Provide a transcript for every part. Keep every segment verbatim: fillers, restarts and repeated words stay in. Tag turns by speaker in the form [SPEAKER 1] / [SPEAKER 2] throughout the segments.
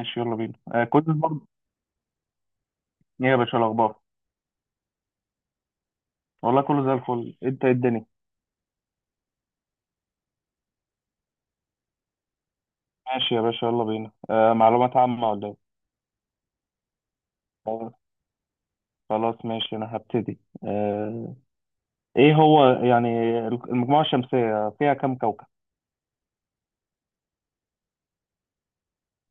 [SPEAKER 1] ماشي، يلا بينا. آه كنت برضه. ايه يا باشا الاخبار؟ والله كله زي الفل. انت إيه الدنيا؟ ماشي يا باشا، يلا بينا. آه معلومات عامة ولا ايه؟ آه، خلاص ماشي، انا هبتدي. آه ايه هو يعني؟ المجموعة الشمسية فيها كم كوكب؟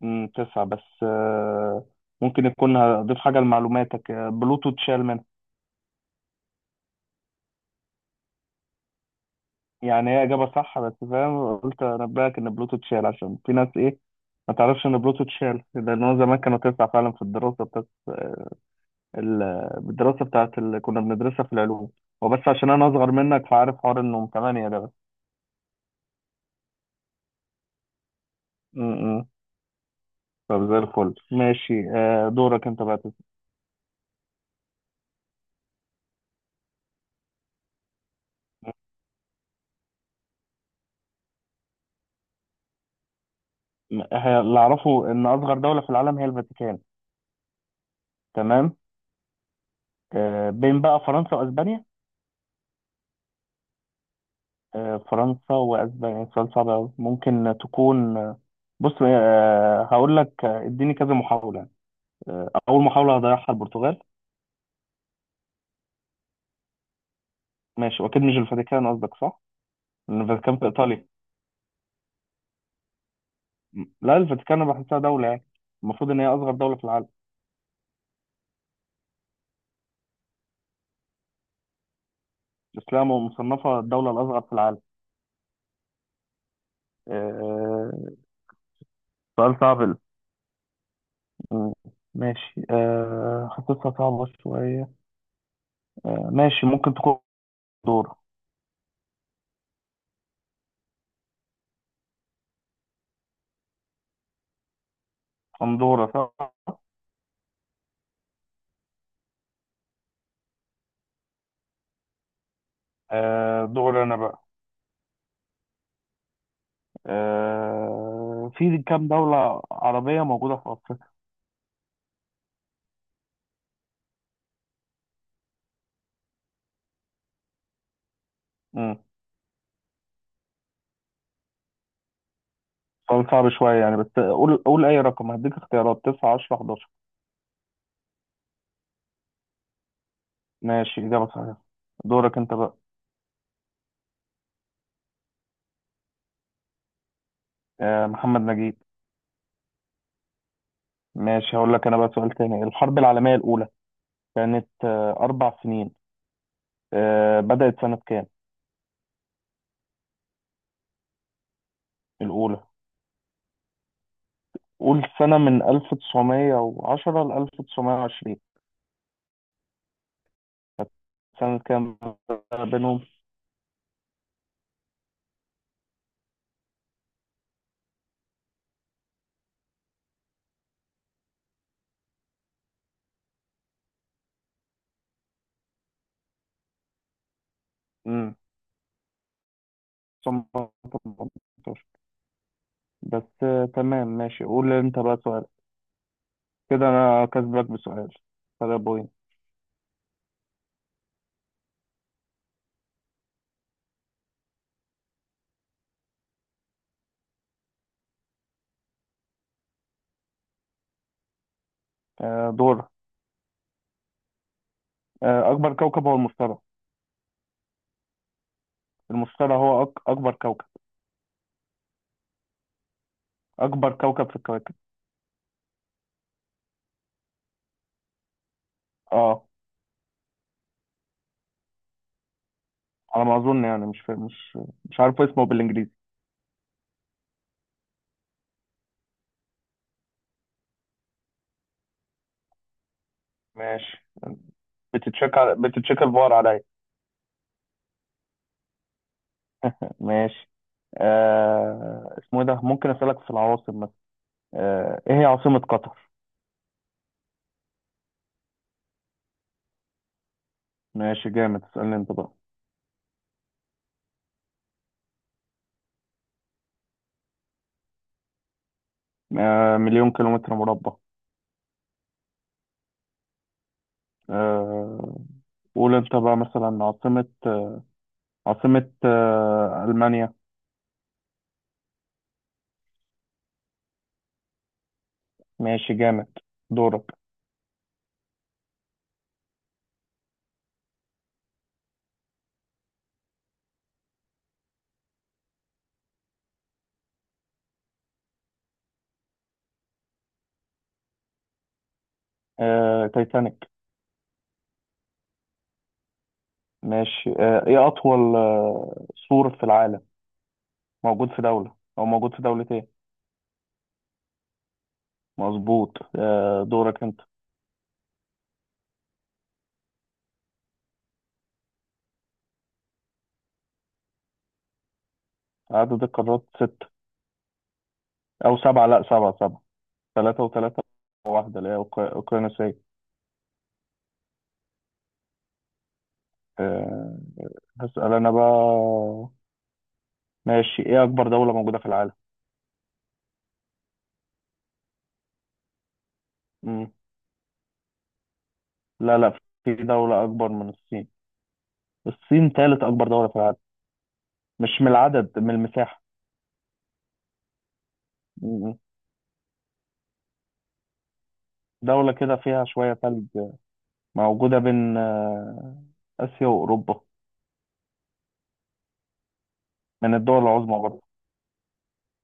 [SPEAKER 1] امم تسعة بس. آه ممكن يكون هضيف حاجة لمعلوماتك، آه، بلوتو اتشال منها. يعني هي إجابة صح، بس فاهم، قلت أنبهك إن بلوتو اتشال عشان في ناس، إيه، ما تعرفش إن بلوتو اتشال، لأن هو زمان كانوا تسعة فعلا في الدراسة بس. آه، ال- بالدراسه بتاعت اللي كنا بندرسها في العلوم. وبس، عشان انا اصغر منك فعارف حوار انهم ثمانيه ده بس. م- م. طب زي الفل ماشي. آه، دورك انت بقى تس- م- هي- اللي اعرفه ان اصغر دوله في العالم هي الفاتيكان. تمام. آه، بين بقى فرنسا واسبانيا. آه، فرنسا واسبانيا سؤال صعب أوي. ممكن تكون. آه، بص، آه، هقول لك، آه، اديني كذا محاوله. آه، اول محاوله هضيعها البرتغال. ماشي، واكيد مش الفاتيكان قصدك، صح؟ لأن الفاتيكان في ايطاليا. لا، الفاتيكان انا بحسها دولة يعني. المفروض ان هي اصغر دولة في العالم. الاسلام مصنفة الدولة الاصغر في العالم. آه، آه، سؤال صعب ال- م- ماشي. آه، حطيتها صعبة شوية. آه، ماشي، ممكن تكون دورة. اندورا، صح. آه، دور انا بقى. آه، في كام دولة عربية موجودة في افريقيا؟ مم. سؤال صعب شوية يعني، بس قول قول اي رقم، هديك اختيارات تسعة عشرة إحدى عشر. ماشي، اجابة صحيحة. دورك انت بقى. آه، محمد نجيب. ماشي، هقول لك انا بقى سؤال تاني. الحرب العالمية الأولى كانت آه، أربع سنين. آه، بدأت سنة كام؟ الأولى. قول سنة من ألف وتسعميه وعشرة ل ألف وتسعميه وعشرين. سنة كام بينهم؟ امم ألف وتسعمية وثمانية عشر بس. آه، تمام ماشي، قول انت بقى سؤال. كده انا كسبك بسؤال، فرق بوينت. آه، دورك. آه، أكبر كوكب هو المشتري. المشتري هو أك- أكبر كوكب. أكبر كوكب في الكواكب. اه، على ما أظن يعني. مش فا- مش مش عارف اسمه بالإنجليزي. ماشي. بتتشك على... بتتشك الفار عليا. ماشي. آه... اسمه إيه ده؟ ممكن اسالك في العواصم مثلا. آه... ايه هي عاصمة قطر؟ ماشي جامد، اسالني انت بقى. آه... مليون كيلومتر مربع. آه... قول انت بقى مثلا عاصمة. عاصمة آه... المانيا. ماشي جامد. دورك. آه... تايتانيك. ماشي. آه... ايه اطول آه... سور في العالم؟ موجود في دولة او موجود في دولتين. مظبوط. آه... دورك انت. عدد القارات ست، او سبعه. لا، سبعه سبعه. ثلاثه وثلاثه. واحده اللي هي أوك- اوكرانيا ساي. أه، هسال انا بقى. ماشي، ايه اكبر دوله موجوده في العالم؟ مم. لا لا، في دوله اكبر من الصين. الصين ثالث اكبر دوله في العالم. مش من العدد، من المساحه. مم. دوله كده فيها شويه ثلج، موجوده بين آه، اسيا واوروبا. من الدول العظمى برضه.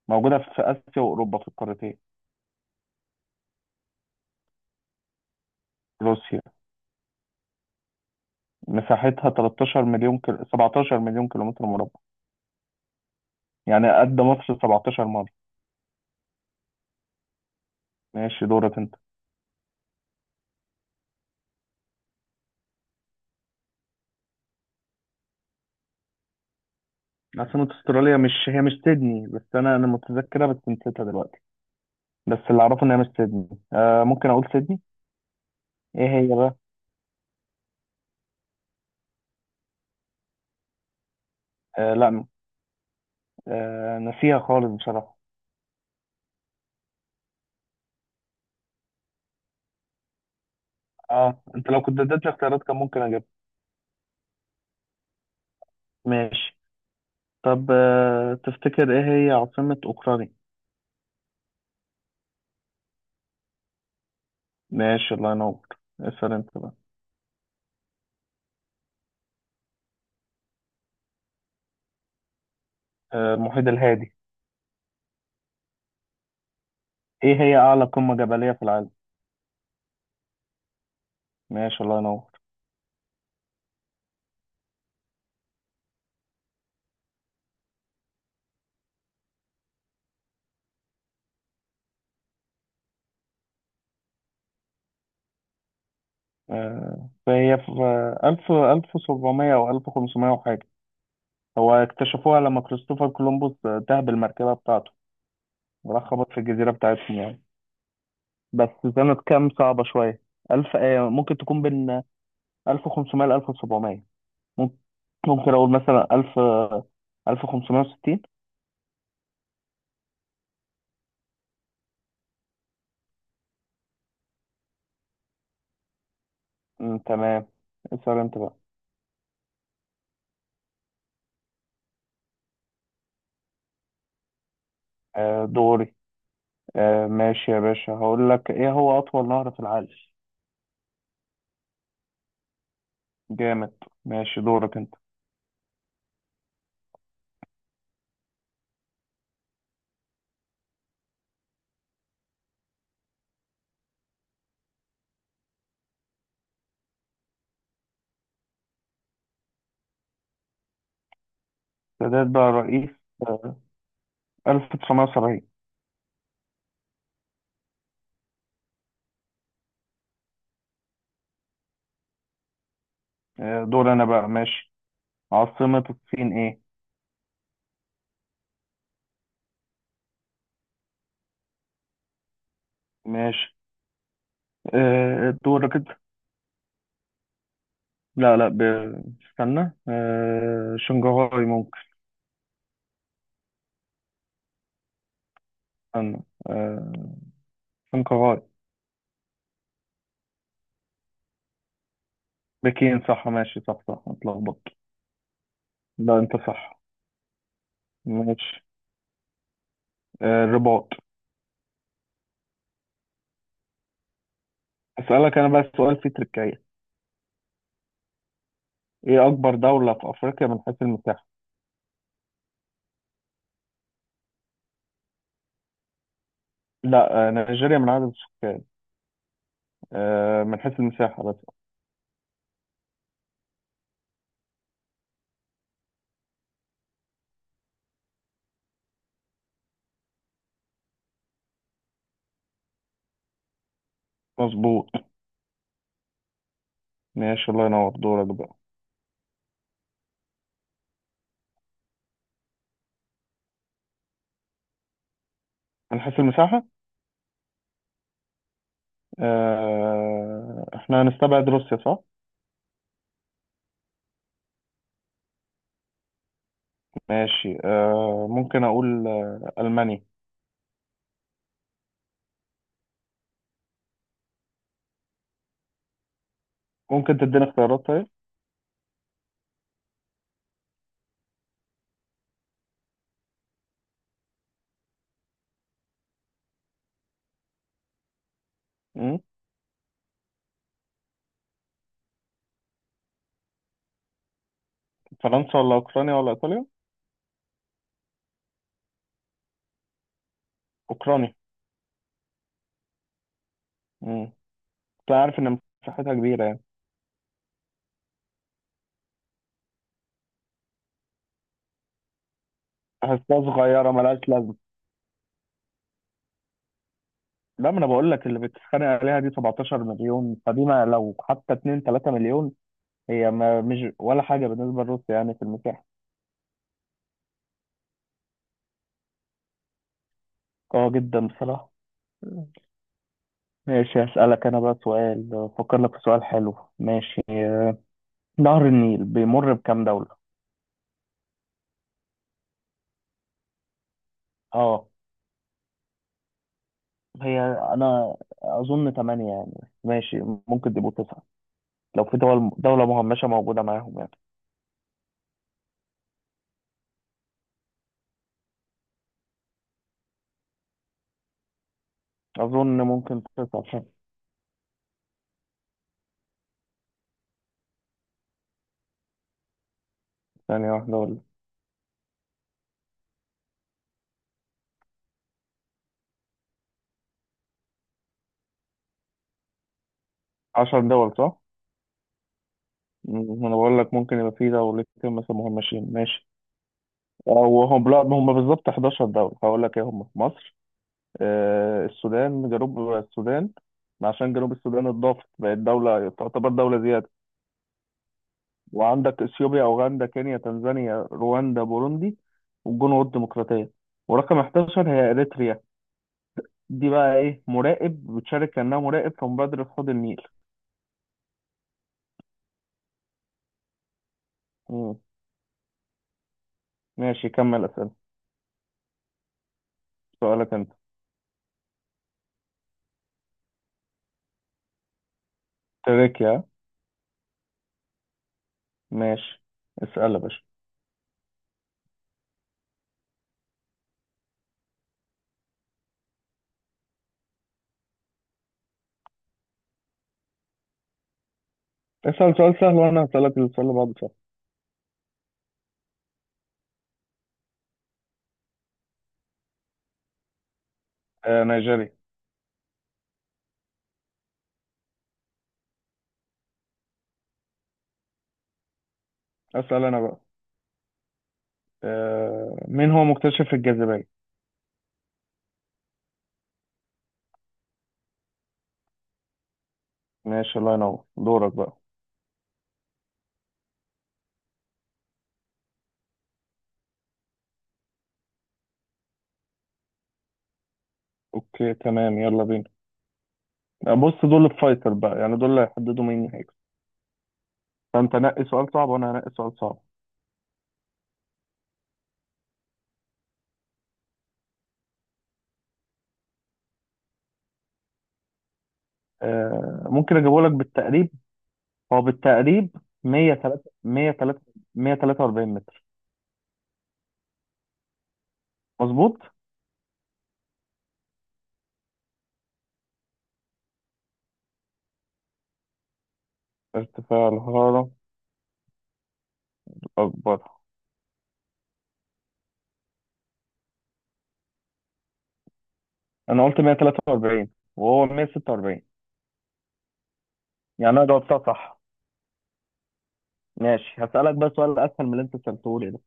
[SPEAKER 1] موجوده في اسيا واوروبا في القارتين. روسيا. مساحتها 13 مليون كيلو، 17 مليون كيلومتر مربع. يعني قد مصر 17 مرة. ماشي، دورك انت. عاصمة استراليا، مش هي مش سيدني، بس انا انا متذكرة بس نسيتها دلوقتي. بس اللي اعرفه ان هي مش سيدني. آه ممكن اقول سيدني. ايه هي بقى؟ آه لا. آه نسيها خالص بصراحة. اه، انت لو كنت اديتني اختيارات كان ممكن اجيبها. ماشي. طب آه تفتكر ايه هي عاصمة اوكرانيا؟ ماشي، الله ينور. اسأل انت بقى. آه المحيط الهادي. ايه هي اعلى قمة جبلية في العالم؟ ماشي، الله ينور. آه فهي في ألف، ألف سبعمية، أو ألف خمسمية وحاجة. هو اكتشفوها لما كريستوفر كولومبوس تاه بالمركبة بتاعته، وراح خبط في الجزيرة بتاعتهم يعني. بس. سنة كام صعبة شوية. ألف، آه، ممكن تكون بين ألف وخمسميه ل ألف وسبعميه. ممكن ممكن أقول مثلا ألف ألف وخمسميه وستين. أمم، تمام. اسأل أنت بقى. آه، دوري. آه، ماشي يا باشا، هقول لك إيه هو أطول نهر في العالم. جامد. ماشي، دورك أنت. سادات بقى رئيس آه، ألف وتسعميه وسبعين. آه، دور أنا بقى ماشي. عاصمة الصين إيه؟ ماشي. آه، دور كده. لا لا، ب... استنى. آه، شنغهاي ممكن. استنى. آه، شنغهاي. بكين، صح. ماشي، صح صح، اتلخبط. لا، انت صح. ماشي. آه، الرباط. اسألك انا بقى سؤال فيه تركية. ايه اكبر دولة في افريقيا من حيث المساحة؟ لا، آه، نيجيريا من عدد السكان. آه، من حيث المساحة بس. مظبوط. ماشي، الله ينور، دورك بقى. من حيث المساحة. آه، احنا هنستبعد روسيا، صح. ماشي. آه ممكن أقول آه ألمانيا. ممكن تديني اختيارات طيب. مم. فرنسا ولا أوكرانيا ولا إيطاليا؟ أوكرانيا. مم. أنت عارف إن مساحتها كبيرة يعني. أحسها صغيرة ملهاش لازمة. لا، ما أنا بقول لك، اللي بتتخانق عليها دي 17 مليون. فدي ما لو حتى اتنين تلاتة مليون، هي ما مش ولا حاجة بالنسبة لروسيا يعني في المساحة. قوية جدا بصراحة. مم. ماشي، هسألك أنا بقى سؤال. أفكر لك في سؤال حلو. ماشي. آه، نهر النيل بيمر بكام دولة؟ اه، هي انا اظن ثمانية يعني. ماشي، ممكن تبقوا تسعة لو في دول دولة مهمشة موجودة معاهم يعني. اظن ممكن تسعة صح. ثانية واحدة ولا عشرة دول صح؟ أمم، انا بقول لك ممكن يبقى في دولتين مثلا مهمشين. ماشي، او هم لا، هم بالظبط حداشر دولة. هقول لك ايه هم: مصر، آه السودان، جنوب السودان. عشان جنوب السودان اتضافت، بقت دولة، تعتبر دولة زيادة. وعندك اثيوبيا، اوغندا، كينيا، تنزانيا، رواندا، بوروندي، والجنوب الديمقراطيه. ورقم حداشر هي اريتريا. دي بقى ايه، مراقب، بتشارك كانها مراقب في مبادره حوض النيل. مم. ماشي، كمل اسئله. سؤالك انت. تركيا. ماشي، اسال يا باشا. اسال سؤال سهل وانا هسالك السؤال اللي بعده سهل. آه نيجيريا. اسال انا بقى. آه مين هو مكتشف الجاذبيه؟ ماشي، الله ينور، دورك بقى. اوكي تمام، يلا بينا. آه، بص، دول الفايتر بقى يعني، دول اللي هيحددوا مين. فانت نقي سؤال صعب وانا هنقي سؤال صعب. آه ممكن اجيبه لك بالتقريب. هو بالتقريب ميه وتلاتة مئة وثلاثة ميه وتلاتة وأربعين متر. مظبوط. ارتفاع الحرارة الأكبر. أنا قلت ميه وتلاتة وأربعين وهو ميه وستة وأربعين. يعني أنا جاوبتها صح. ماشي، هسألك بقى سؤال أسهل من اللي أنت سألته لي ده.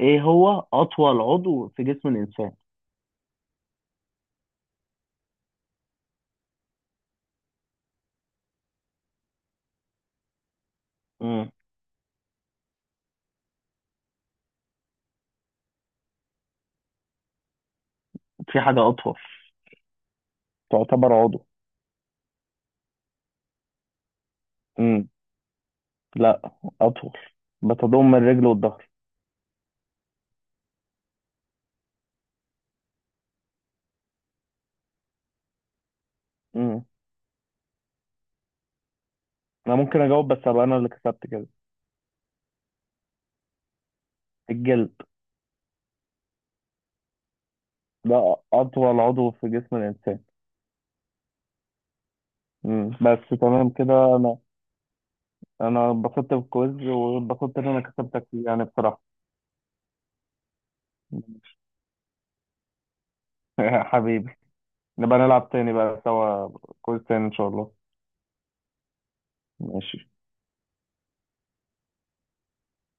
[SPEAKER 1] إيه هو أطول عضو في جسم الإنسان؟ مم. في حاجة أطول، تعتبر عضو. مم. لا، أطول، بتضم الرجل والظهر. مم. أنا ممكن أجاوب، بس أبقى أنا اللي كسبت كده. الجلد. ده أطول عضو في جسم الإنسان. مم. بس تمام كده، أنا أنا اتبسطت بالكويز، واتبسطت إن أنا كسبتك فيه يعني بصراحة. حبيبي. نبقى نلعب تاني بقى سوا كويز تاني إن شاء الله. ماشي